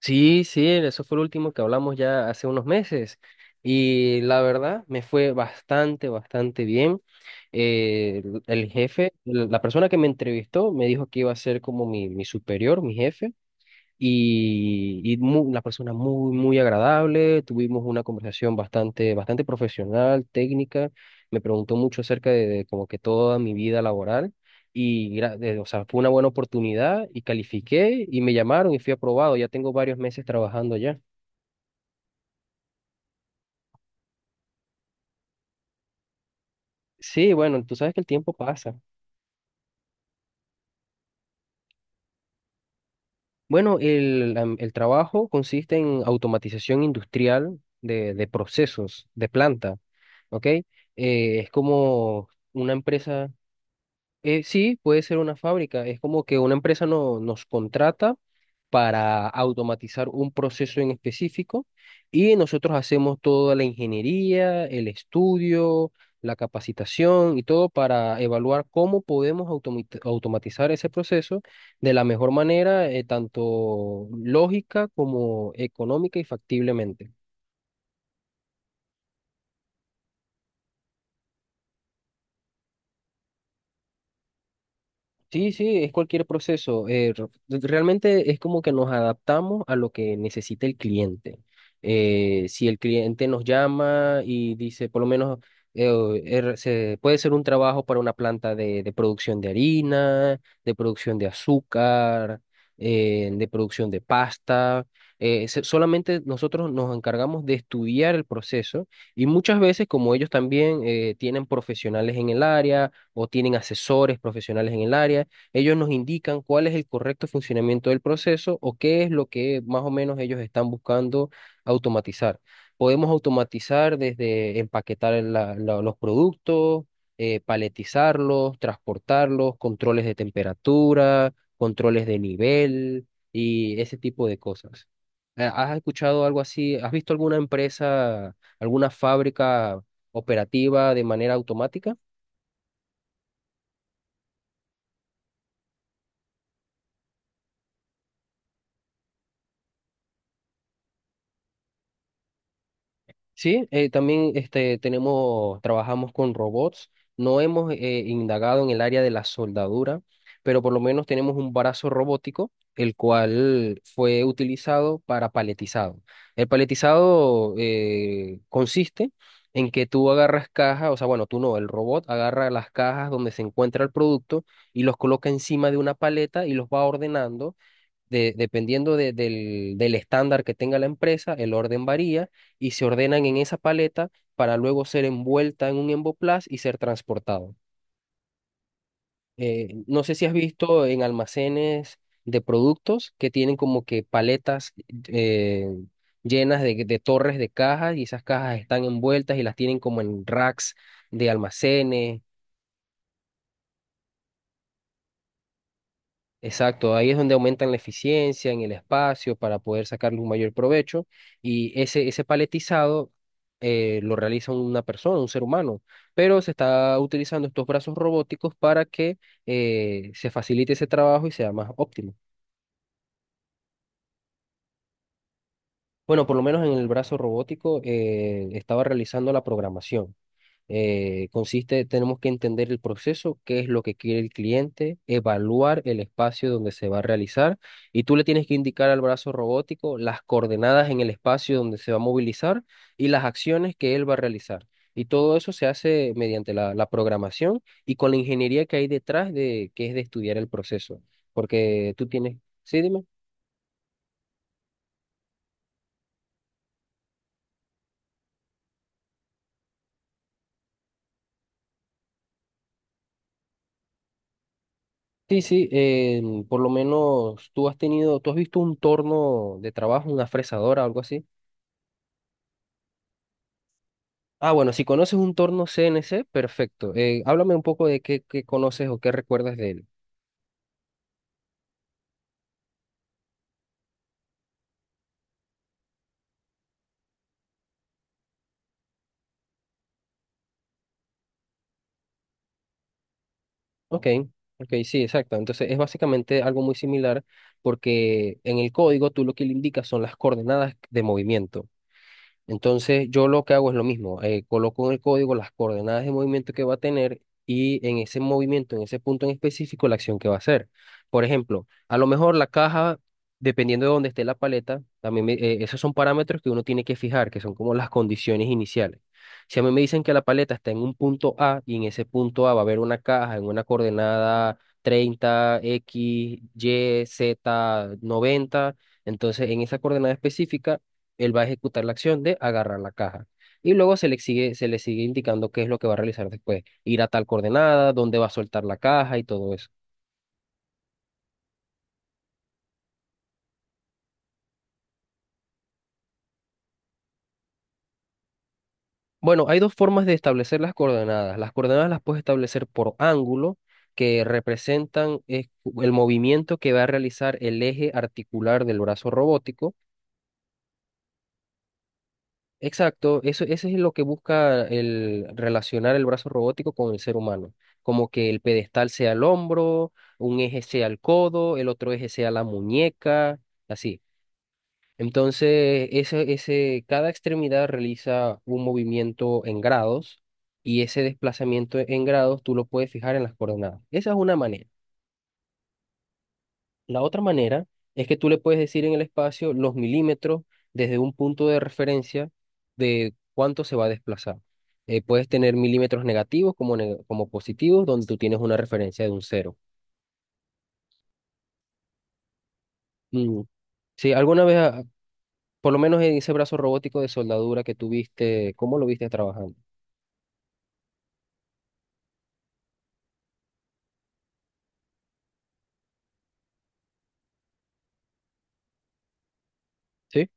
Sí, sí, eso fue lo último que hablamos ya hace unos meses y la verdad me fue bastante, bastante bien. El jefe, la persona que me entrevistó me dijo que iba a ser como mi superior, mi jefe y, una persona muy, muy agradable. Tuvimos una conversación bastante, bastante profesional, técnica. Me preguntó mucho acerca de como que toda mi vida laboral o sea, fue una buena oportunidad y califiqué y me llamaron y fui aprobado. Ya tengo varios meses trabajando allá. Sí, bueno, tú sabes que el tiempo pasa. Bueno, el trabajo consiste en automatización industrial de procesos, de planta, ¿ok? Es como una empresa. Sí, puede ser una fábrica. Es como que una empresa no, nos contrata para automatizar un proceso en específico y nosotros hacemos toda la ingeniería, el estudio, la capacitación y todo para evaluar cómo podemos automatizar ese proceso de la mejor manera, tanto lógica como económica y factiblemente. Sí, sí, es cualquier proceso. Realmente es como que nos adaptamos a lo que necesita el cliente. Si el cliente nos llama y dice, por lo menos, puede ser un trabajo para una planta de producción de harina, de producción de azúcar, de producción de pasta. Solamente nosotros nos encargamos de estudiar el proceso y muchas veces, como ellos también tienen profesionales en el área, o tienen asesores profesionales en el área. Ellos nos indican cuál es el correcto funcionamiento del proceso o qué es lo que más o menos ellos están buscando automatizar. Podemos automatizar desde empaquetar los productos, paletizarlos, transportarlos, controles de temperatura, controles de nivel y ese tipo de cosas. ¿Has escuchado algo así? ¿Has visto alguna empresa, alguna fábrica operativa de manera automática? Sí, también este, tenemos, trabajamos con robots. No hemos indagado en el área de la soldadura, pero por lo menos tenemos un brazo robótico, el cual fue utilizado para paletizado. El paletizado consiste en que tú agarras cajas, o sea, bueno, tú no, el robot agarra las cajas donde se encuentra el producto y los coloca encima de una paleta y los va ordenando dependiendo del estándar que tenga la empresa, el orden varía y se ordenan en esa paleta para luego ser envuelta en un emboplaz y ser transportado. No sé si has visto en almacenes de productos que tienen como que paletas eh, llenas de torres de cajas y esas cajas están envueltas y las tienen como en racks de almacenes. Exacto, ahí es donde aumentan la eficiencia en el espacio para poder sacarle un mayor provecho y ese paletizado lo realiza una persona, un ser humano, pero se está utilizando estos brazos robóticos para que se facilite ese trabajo y sea más óptimo. Bueno, por lo menos en el brazo robótico estaba realizando la programación. Consiste, tenemos que entender el proceso, qué es lo que quiere el cliente, evaluar el espacio donde se va a realizar y tú le tienes que indicar al brazo robótico las coordenadas en el espacio donde se va a movilizar y las acciones que él va a realizar. Y todo eso se hace mediante la programación y con la ingeniería que hay detrás de que es de estudiar el proceso, porque tú tienes, sí, dime. Sí, sí, por lo menos tú has tenido, tú has visto un torno de trabajo, una fresadora, algo así. Ah, bueno, si conoces un torno CNC, perfecto. Háblame un poco de qué, qué conoces o qué recuerdas de él. Ok, ok, sí, exacto. Entonces es básicamente algo muy similar porque en el código tú lo que le indicas son las coordenadas de movimiento. Entonces, yo lo que hago es lo mismo, coloco en el código las coordenadas de movimiento que va a tener y en ese movimiento, en ese punto en específico, la acción que va a hacer. Por ejemplo, a lo mejor la caja, dependiendo de dónde esté la paleta, también esos son parámetros que uno tiene que fijar, que son como las condiciones iniciales. Si a mí me dicen que la paleta está en un punto A y en ese punto A va a haber una caja en una coordenada 30 X, Y, Z, 90, entonces en esa coordenada específica él va a ejecutar la acción de agarrar la caja. Y luego se le sigue indicando qué es lo que va a realizar después. Ir a tal coordenada, dónde va a soltar la caja y todo eso. Bueno, hay dos formas de establecer las coordenadas. Las coordenadas las puedes establecer por ángulo, que representan el movimiento que va a realizar el eje articular del brazo robótico. Exacto, eso es lo que busca el relacionar el brazo robótico con el ser humano, como que el pedestal sea el hombro, un eje sea el codo, el otro eje sea la muñeca, así. Entonces, ese, cada extremidad realiza un movimiento en grados y ese desplazamiento en grados tú lo puedes fijar en las coordenadas. Esa es una manera. La otra manera es que tú le puedes decir en el espacio los milímetros desde un punto de referencia de cuánto se va a desplazar. Puedes tener milímetros negativos como, como positivos, donde tú tienes una referencia de un cero. Mm, sí, alguna vez, ah, por lo menos en ese brazo robótico de soldadura que tuviste, ¿cómo lo viste trabajando? Sí.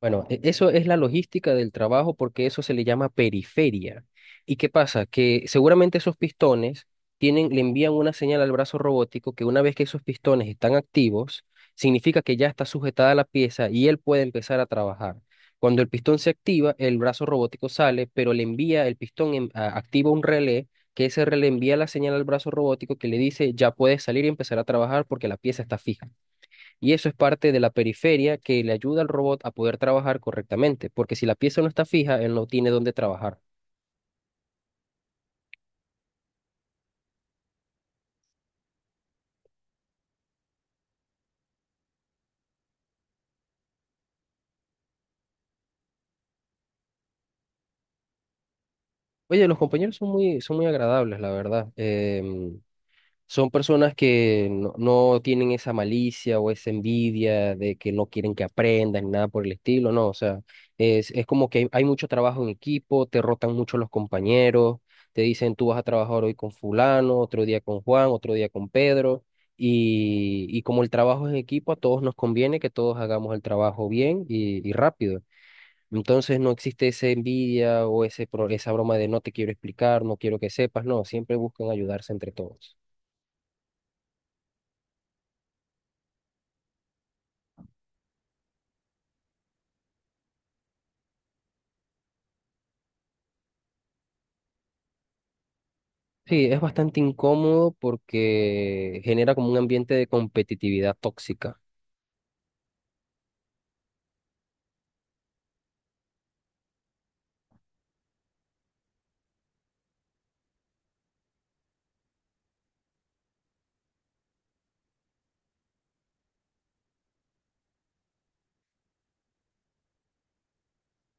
Bueno, eso es la logística del trabajo porque eso se le llama periferia. ¿Y qué pasa? Que seguramente esos pistones tienen, le envían una señal al brazo robótico que una vez que esos pistones están activos, significa que ya está sujetada la pieza y él puede empezar a trabajar. Cuando el pistón se activa, el brazo robótico sale, pero le envía el pistón, activa un relé, que ese relé envía la señal al brazo robótico que le dice ya puedes salir y empezar a trabajar porque la pieza está fija. Y eso es parte de la periferia que le ayuda al robot a poder trabajar correctamente, porque si la pieza no está fija, él no tiene dónde trabajar. Oye, los compañeros son muy agradables, la verdad. Son personas que no, no tienen esa malicia o esa envidia de que no quieren que aprendas ni nada por el estilo, no, o sea, es como que hay mucho trabajo en equipo, te rotan mucho los compañeros, te dicen tú vas a trabajar hoy con fulano, otro día con Juan, otro día con Pedro, y como el trabajo es en equipo, a todos nos conviene que todos hagamos el trabajo bien y rápido. Entonces no existe esa envidia o esa broma de no te quiero explicar, no quiero que sepas, no, siempre buscan ayudarse entre todos. Sí, es bastante incómodo porque genera como un ambiente de competitividad tóxica,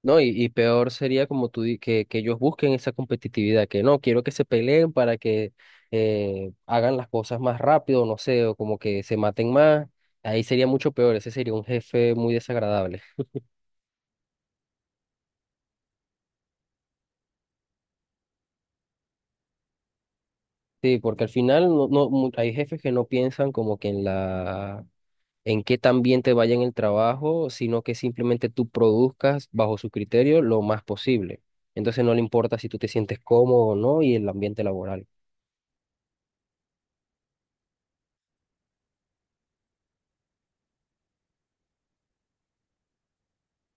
¿no? Y peor sería como que ellos busquen esa competitividad, que no, quiero que se peleen para que hagan las cosas más rápido, no sé, o como que se maten más. Ahí sería mucho peor, ese sería un jefe muy desagradable. Sí, porque al final no, hay jefes que no piensan como que en la en qué también te vaya en el trabajo, sino que simplemente tú produzcas bajo su criterio lo más posible. Entonces no le importa si tú te sientes cómodo o no y el ambiente laboral.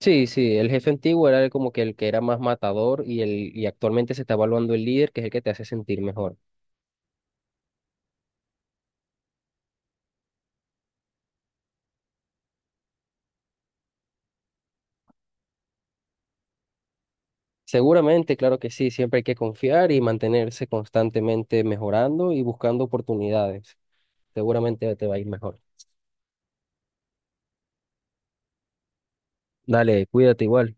Sí, sí, el jefe antiguo era el como que el que era más matador y, el, y actualmente se está evaluando el líder, que es el que te hace sentir mejor. Seguramente, claro que sí, siempre hay que confiar y mantenerse constantemente mejorando y buscando oportunidades. Seguramente te va a ir mejor. Dale, cuídate igual.